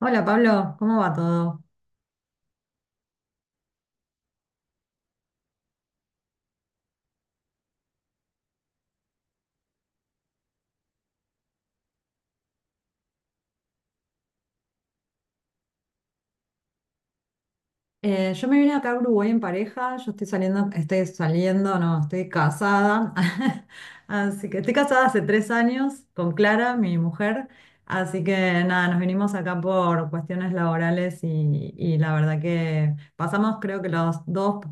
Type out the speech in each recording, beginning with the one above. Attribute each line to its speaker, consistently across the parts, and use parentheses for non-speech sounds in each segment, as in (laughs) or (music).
Speaker 1: Hola Pablo, ¿cómo va todo? Yo me vine acá a Uruguay en pareja, yo estoy saliendo, no, estoy casada, (laughs) así que estoy casada hace 3 años con Clara, mi mujer, así que nada, nos vinimos acá por cuestiones laborales y la verdad que pasamos creo que los dos,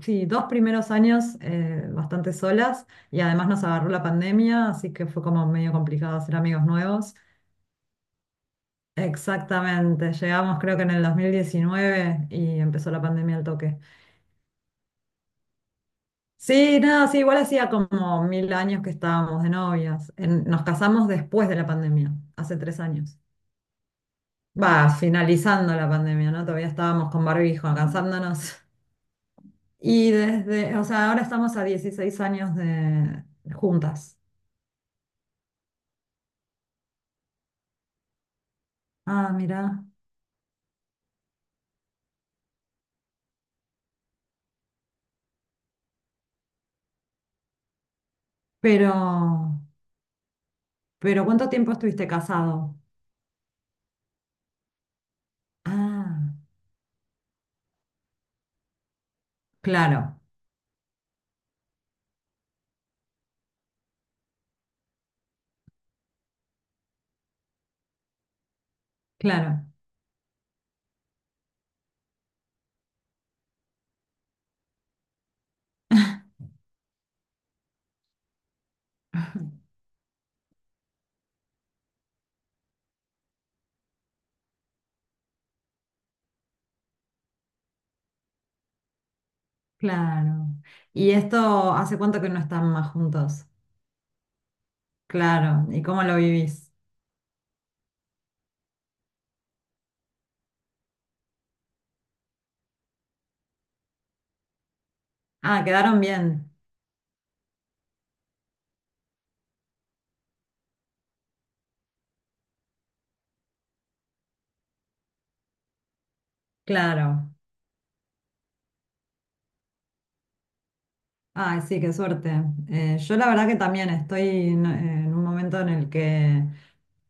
Speaker 1: sí, dos primeros años bastante solas y además nos agarró la pandemia, así que fue como medio complicado hacer amigos nuevos. Exactamente, llegamos creo que en el 2019 y empezó la pandemia al toque. Sí, nada, sí, igual hacía como 1000 años que estábamos de novias. Nos casamos después de la pandemia, hace tres años. Va, finalizando la pandemia, ¿no? Todavía estábamos con barbijo, cansándonos. Y desde, o sea, ahora estamos a 16 años de juntas. Ah, mira. Pero, pero ¿cuánto tiempo estuviste casado? Ah, claro, claro. Claro. ¿Y esto hace cuánto que no están más juntos? Claro. ¿Y cómo lo vivís? Ah, quedaron bien. Claro. Ay, sí, qué suerte. Yo la verdad que también estoy en un momento en el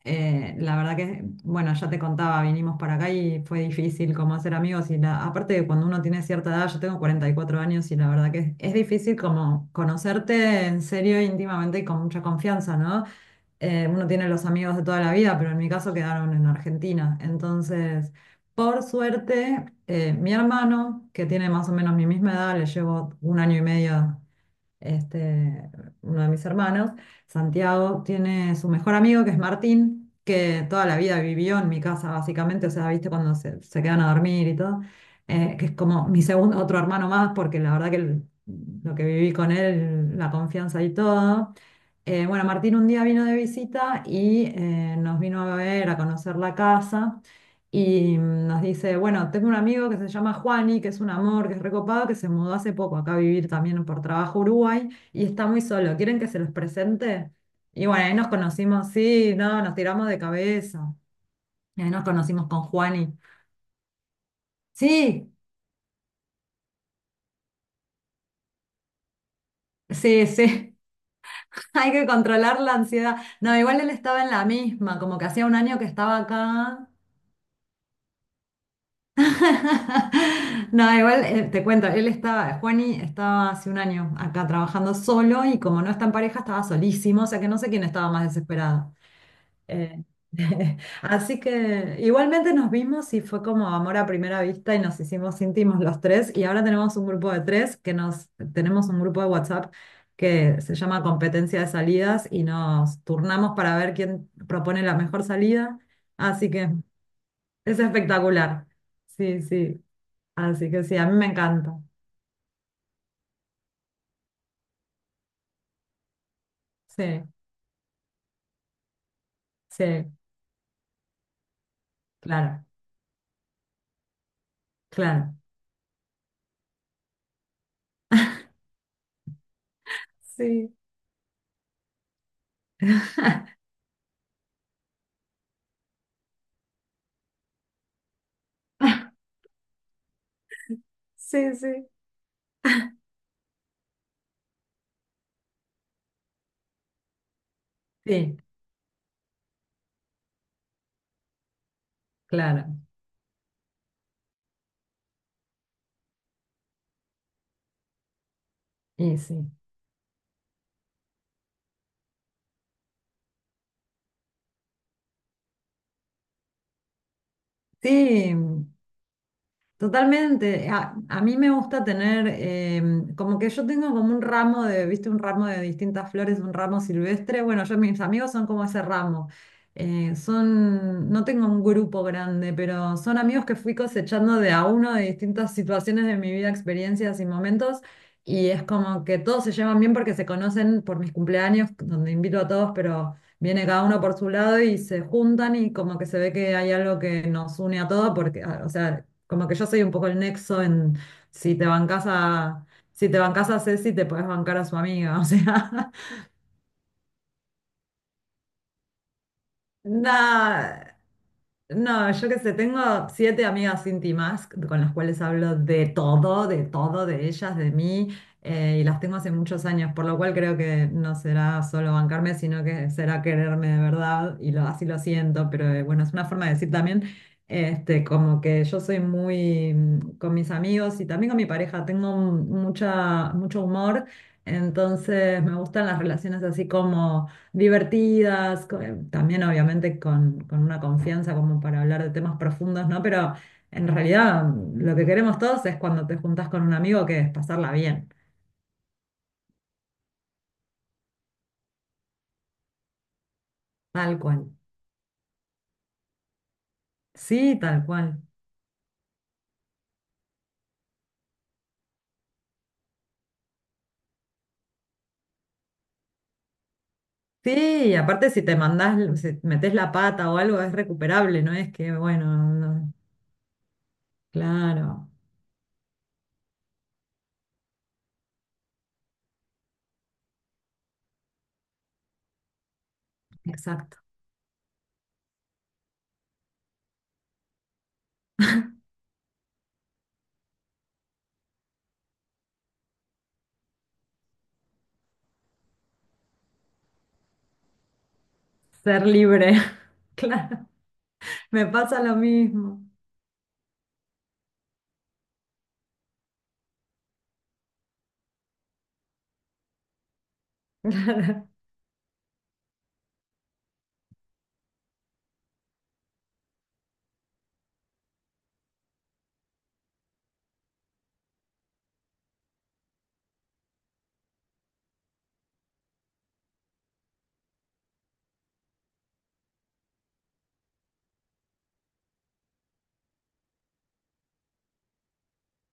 Speaker 1: la verdad que, bueno, ya te contaba, vinimos para acá y fue difícil como hacer amigos y aparte de cuando uno tiene cierta edad, yo tengo 44 años y la verdad que es difícil como conocerte en serio, íntimamente y con mucha confianza, ¿no? Uno tiene los amigos de toda la vida, pero en mi caso quedaron en Argentina. Entonces, por suerte, mi hermano, que tiene más o menos mi misma edad, le llevo 1 año y medio este, uno de mis hermanos, Santiago, tiene su mejor amigo que es Martín, que toda la vida vivió en mi casa básicamente, o sea, viste cuando se quedan a dormir y todo, que es como mi segundo, otro hermano más, porque la verdad que lo que viví con él, la confianza y todo. Bueno, Martín un día vino de visita y nos vino a ver, a conocer la casa. Y mm, nos dice, bueno, tengo un amigo que se llama Juani, que es un amor, que es recopado, que se mudó hace poco acá a vivir también por trabajo a Uruguay y está muy solo. ¿Quieren que se los presente? Y bueno, ahí nos conocimos, sí, no, nos tiramos de cabeza. Y ahí nos conocimos con Juani. Sí, sí, sí, (laughs) hay que controlar la ansiedad. No, igual él estaba en la misma, como que hacía 1 año que estaba acá. (laughs) No, igual te cuento, Juani estaba hace 1 año acá trabajando solo y como no está en pareja estaba solísimo, o sea que no sé quién estaba más desesperado. Eh, (laughs) así que igualmente nos vimos y fue como amor a primera vista y nos hicimos íntimos los tres y ahora tenemos un grupo de tres tenemos un grupo de WhatsApp que se llama Competencia de Salidas y nos turnamos para ver quién propone la mejor salida, así que es espectacular. Sí, sí. Así que sí, a mí me encanta. Sí, sí, claro, claro. Sí, (laughs) sí, sí. Sí, claro. Y sí. Sí, totalmente. A mí me gusta tener, como que yo tengo como un ramo de, viste, un ramo de distintas flores, un ramo silvestre. Bueno, yo mis amigos son como ese ramo. No tengo un grupo grande, pero son amigos que fui cosechando de a uno de distintas situaciones de mi vida, experiencias y momentos. Y es como que todos se llevan bien porque se conocen por mis cumpleaños, donde invito a todos, pero viene cada uno por su lado y se juntan y como que se ve que hay algo que nos une a todos, porque, o sea, como que yo soy un poco el nexo en si te bancas a, si te bancas a Ceci, te podés bancar a su amiga. (laughs) O sea, nada, no, yo qué sé, tengo 7 amigas íntimas con las cuales hablo de todo, de todo, de ellas, de mí, y las tengo hace muchos años, por lo cual creo que no será solo bancarme, sino que será quererme de verdad, así lo siento, pero bueno, es una forma de decir también, como que yo soy muy, mm, con mis amigos y también con mi pareja, tengo mucho humor, entonces me gustan las relaciones así como divertidas, también obviamente con una confianza como para hablar de temas profundos, ¿no? Pero en realidad mm, lo que queremos todos es cuando te juntas con un amigo que es pasarla bien, tal cual. Sí, tal cual. Sí, y aparte si te mandás, si metes la pata o algo es recuperable, no es que, bueno, claro, exacto. Ser libre, (laughs) claro, me pasa lo mismo.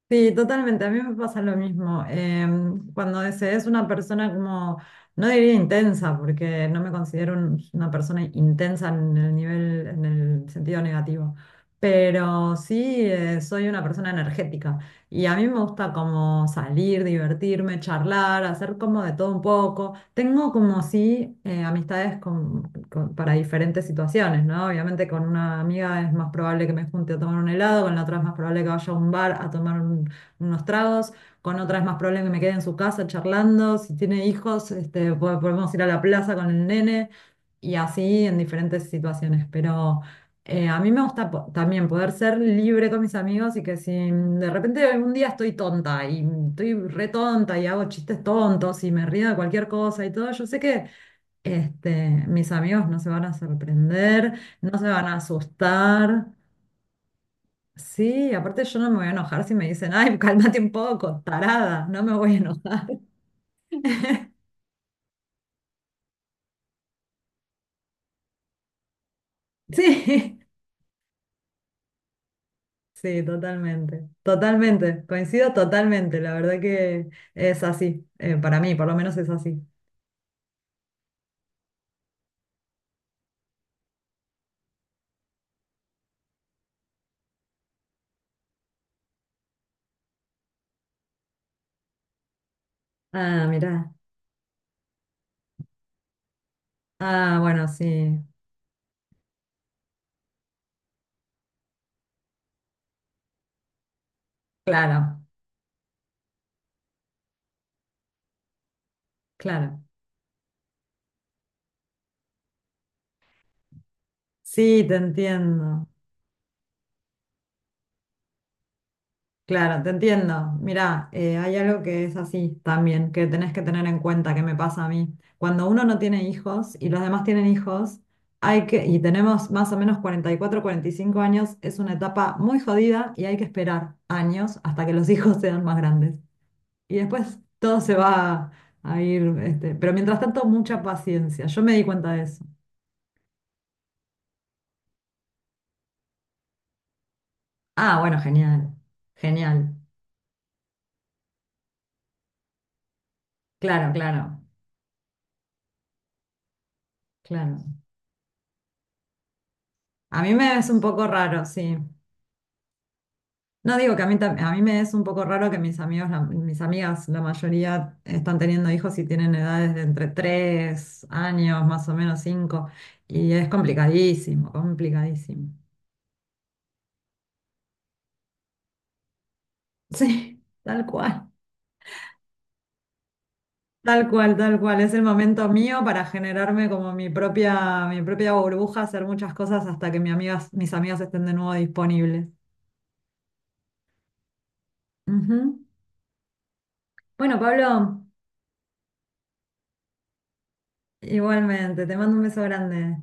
Speaker 1: Sí, totalmente. A mí me pasa lo mismo. Em, cuando se es una persona como, no diría intensa, porque no me considero una persona intensa en el nivel, en el sentido negativo, pero sí soy una persona energética y a mí me gusta como salir, divertirme, charlar, hacer como de todo un poco. Tengo como sí amistades para diferentes situaciones, ¿no? Obviamente con una amiga es más probable que me junte a tomar un helado, con la otra es más probable que vaya a un bar a tomar unos tragos, con otra es más probable que me quede en su casa charlando, si tiene hijos, podemos ir a la plaza con el nene y así en diferentes situaciones, pero... a mí me gusta también poder ser libre con mis amigos y que si de repente algún día estoy tonta y estoy re tonta y hago chistes tontos y me río de cualquier cosa y todo, yo sé que mis amigos no se van a sorprender, no se van a asustar. Sí, aparte yo no me voy a enojar si me dicen, ay, (laughs) cálmate un poco, tarada, no me voy a enojar. (laughs) Sí, sí, totalmente, totalmente, coincido totalmente, la verdad que es así, para mí por lo menos es así. Ah, mirá, ah, bueno, sí, claro, claro, sí, te entiendo. Claro, te entiendo. Mirá, hay algo que es así también, que tenés que tener en cuenta, que me pasa a mí. Cuando uno no tiene hijos y los demás tienen hijos, y tenemos más o menos cuarenta y cuatro, 45 años, es una etapa muy jodida y hay que esperar años hasta que los (laughs) hijos sean más grandes. Y después todo se va a ir, pero mientras tanto, mucha paciencia. Yo me di cuenta de eso. Ah, bueno, genial, genial. Claro, claro, claro. A mí me es un poco raro, sí. No digo que a mí, a mí me es un poco raro que mis amigos, mis amigas, la mayoría están teniendo hijos y tienen edades de entre 3 años, más o menos 5 y es complicadísimo, complicadísimo. (laughs) Sí, tal cual, tal cual, tal cual. Es el momento mío para generarme como mi propia burbuja, hacer muchas cosas hasta que mis amigas estén de nuevo disponibles. Ujú. Bueno, Pablo, igualmente, te mando un beso grande.